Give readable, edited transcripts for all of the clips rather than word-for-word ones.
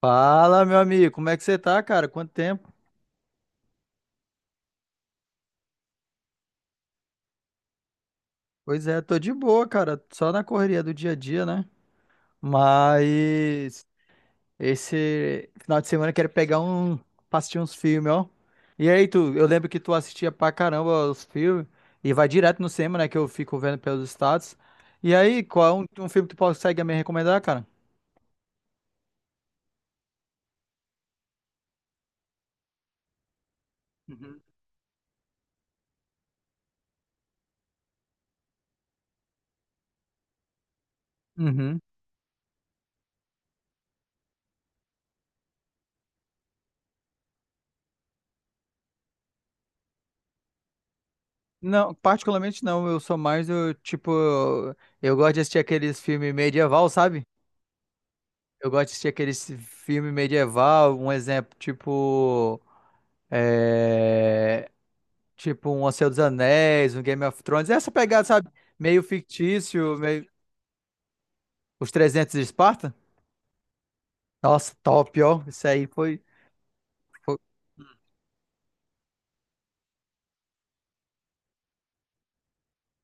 Fala, meu amigo, como é que você tá, cara? Quanto tempo? Pois é, tô de boa, cara, só na correria do dia a dia, né? Mas esse final de semana eu quero pegar um, pra assistir uns filmes, ó. E aí, tu, eu lembro que tu assistia pra caramba os filmes e vai direto no cinema, né, que eu fico vendo pelos status. E aí, qual é um filme que tu consegue me recomendar, cara? Uhum. Uhum. Não, particularmente não, eu sou mais, eu, tipo, eu gosto de assistir aqueles filmes medieval, sabe? Eu gosto de assistir aqueles filme medieval, um exemplo, tipo. é, Tipo um O Senhor dos Anéis, um Game of Thrones. Essa pegada, sabe? Meio fictício, meio. Os 300 de Esparta? Nossa, top, ó. Isso aí foi.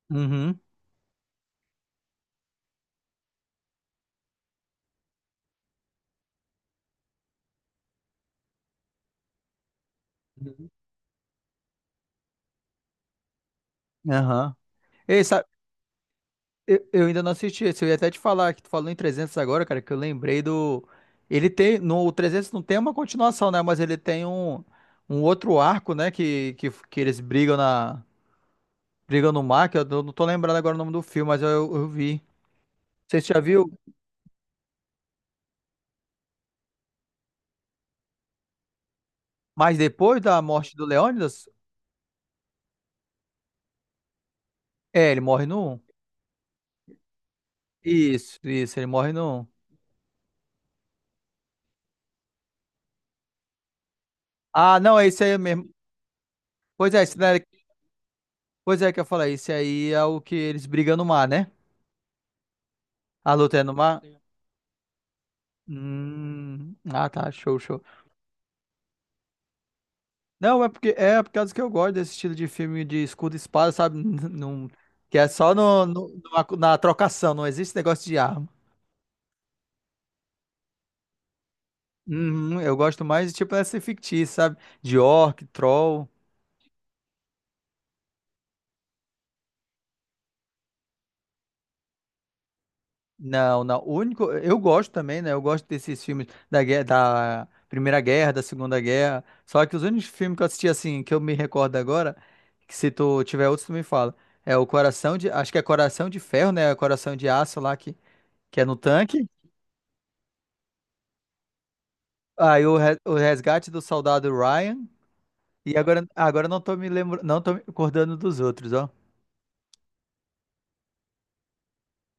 Uhum. Uhum. Aham. Ei, sabe? Eu ainda não assisti esse. Eu ia até te falar que tu falou em 300 agora, cara, que eu lembrei do. Ele tem. No o 300 não tem uma continuação, né? Mas ele tem um outro arco, né? Que eles brigam na. Briga no Mar, que eu não tô lembrado agora o nome do filme, mas eu vi. Você já viu? Mas depois da morte do Leônidas? É, ele morre no 1. Isso, isso, ele morre no 1. Ah, não, é esse aí mesmo. Pois é, esse daí, pois é que eu falei, esse aí é o que eles brigam no mar, né? A luta é no mar? Ah, tá, show, show. Não, é porque é por causa que eu gosto desse estilo de filme de escudo e espada, sabe? Não, que é só na trocação, não existe negócio de arma. Uhum, eu gosto mais, de tipo, dessa fictícia, sabe? De orc, troll. Não, não. O único. Eu gosto também, né? Eu gosto desses filmes da guerra, da Primeira Guerra, da Segunda Guerra. Só que os únicos filmes que eu assisti, assim, que eu me recordo agora, que se tu tiver outros, tu me fala. É o Coração de. Acho que é Coração de Ferro, né? Coração de Aço lá, que é no tanque. Aí o Resgate do Soldado Ryan. E agora eu não tô me lembrando, não tô me acordando dos outros, ó.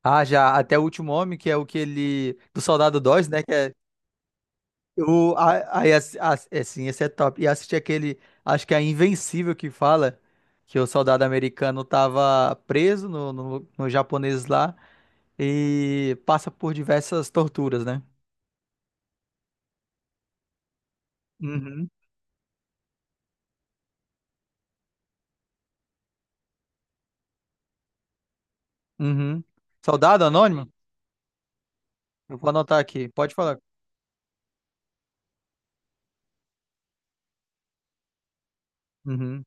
Ah, já, até o último homem, que é o que ele. Do Soldado Dois, né? Que é. O, a, aí, é, sim, esse é top. E assisti aquele. Acho que é Invencível que fala que o soldado americano tava preso no japonês lá e passa por diversas torturas, né? Uhum. Uhum. Soldado Anônimo? Eu vou anotar aqui. Pode falar. Uhum.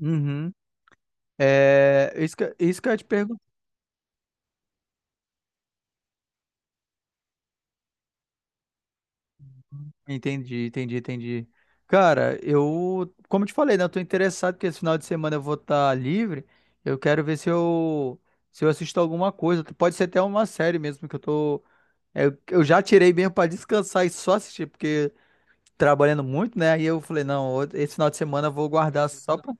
Uhum. É, isso que eu ia te perguntar. Entendi, entendi, entendi. Cara, eu, como eu te falei, né, eu tô interessado que esse final de semana eu vou estar livre. Eu quero ver se eu assisto alguma coisa. Pode ser até uma série mesmo que eu já tirei mesmo pra descansar e só assistir, porque trabalhando muito, né? Aí eu falei, não, esse final de semana eu vou guardar só pra...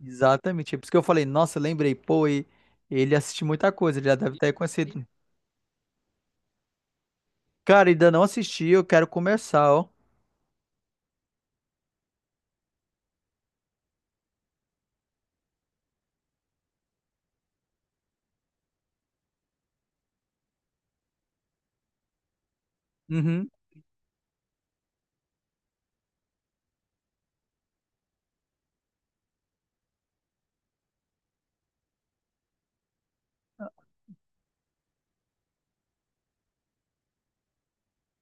Exatamente. É por isso que eu falei, nossa, eu lembrei, pô, ele assiste muita coisa, ele já deve ter conhecido. Cara, ainda não assisti, eu quero começar, ó. Uhum.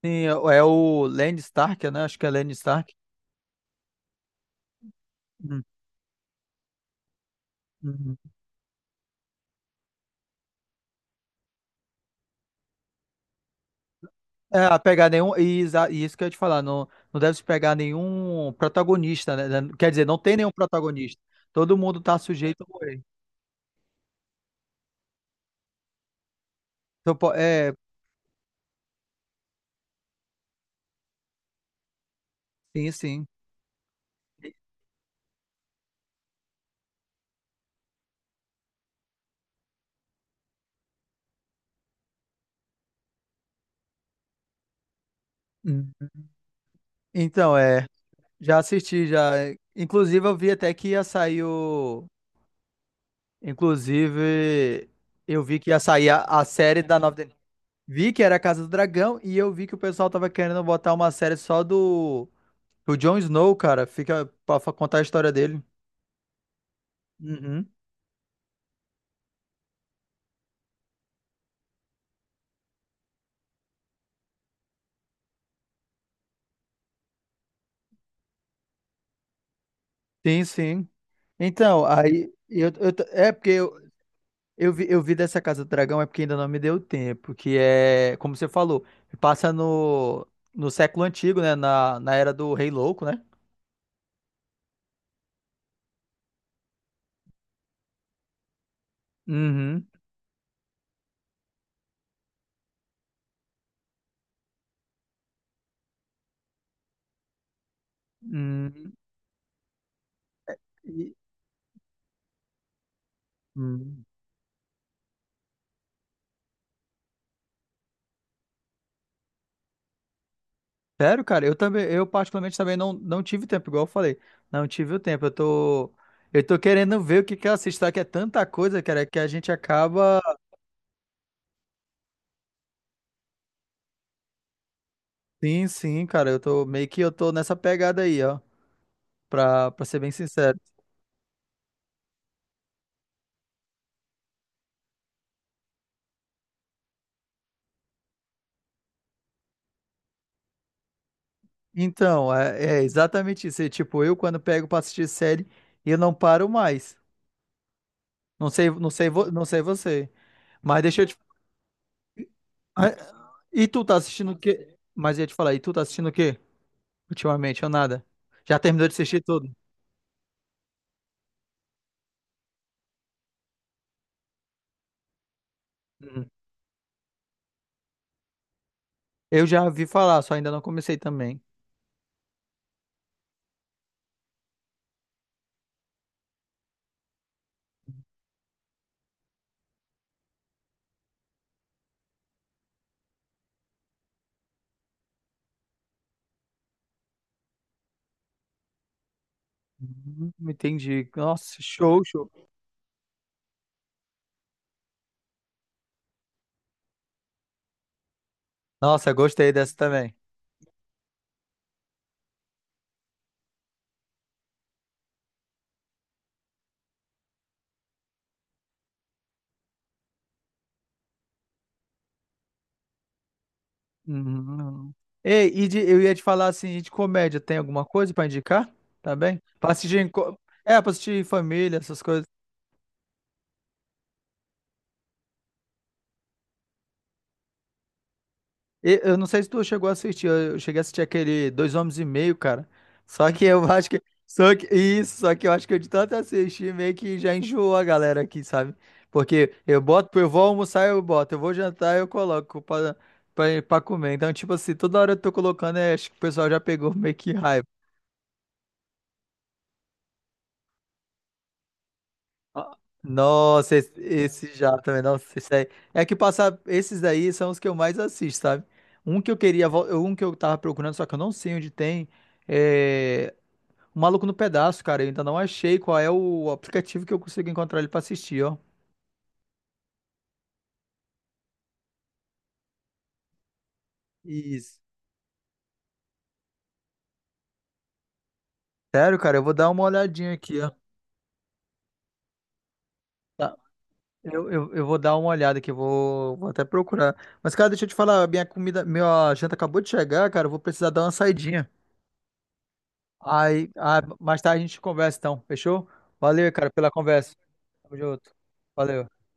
Sim, é o Land Stark, né? Acho que é Land Stark. Uhum, uhum. É, a pegar nenhum. E isso que eu ia te falar, não, não deve se pegar nenhum protagonista, né? Quer dizer, não tem nenhum protagonista. Todo mundo tá sujeito a morrer. Então, é, sim, sim. Hum. Então, é. Já assisti, já. Inclusive, eu vi até que ia sair o. Inclusive, eu vi que ia sair a série da nova. Vi que era a Casa do Dragão e eu vi que o pessoal tava querendo botar uma série só do. O Jon Snow, cara, fica pra contar a história dele. Uhum. Sim, sim. Então, aí é porque eu vi dessa Casa do Dragão, é porque ainda não me deu tempo, que é, como você falou, passa no século antigo, né, na era do Rei Louco, né? Uhum. Uhum. E- uhum. Sério, cara, eu também, eu particularmente também não, não tive tempo, igual eu falei. Não tive o tempo. Eu tô querendo ver o que que eu assisto, tá? Que é tanta coisa, cara, que a gente acaba. Sim, sim, cara, eu tô meio que eu tô nessa pegada aí, ó, pra ser bem sincero. Então, é exatamente isso. É tipo, eu quando pego pra assistir série, eu não paro mais. Não sei, não sei, não sei você. Mas deixa eu te. Ah, e tu tá assistindo o quê? Mas eu ia te falar, e tu tá assistindo o quê? Ultimamente, ou nada? Já terminou de assistir tudo? Uhum. Eu já vi falar, só ainda não comecei também. Entendi. Nossa, show, show. Nossa, gostei dessa também. Uhum. Ei, e eu ia te falar assim, de comédia, tem alguma coisa pra indicar? Tá bem? Pra assistir pra assistir em família, essas coisas. Eu não sei se tu chegou a assistir, eu cheguei a assistir aquele Dois Homens e Meio, cara. Só que eu acho que, só que, isso, só que eu acho que eu de tanto assistir, meio que já enjoou a galera aqui, sabe? Porque eu boto, eu vou almoçar, eu boto, eu vou jantar, eu coloco pra comer. Então, tipo assim, toda hora eu tô colocando, acho que o pessoal já pegou meio que raiva. Ah, nossa, esse já também, nossa, esse aí. É que passar, esses daí são os que eu mais assisto, sabe? Um que eu queria, um que eu tava procurando, só que eu não sei onde tem, é O Maluco no Pedaço, cara. Eu ainda não achei qual é o aplicativo que eu consigo encontrar ele pra assistir, ó. Isso. Sério, cara, eu vou dar uma olhadinha aqui, ó. Tá. Eu vou dar uma olhada aqui, eu vou até procurar. Mas, cara, deixa eu te falar, minha comida, minha janta acabou de chegar, cara, eu vou precisar dar uma saidinha. Aí, ah, mais tarde a gente conversa então, fechou? Valeu, cara, pela conversa. Tamo junto. Valeu.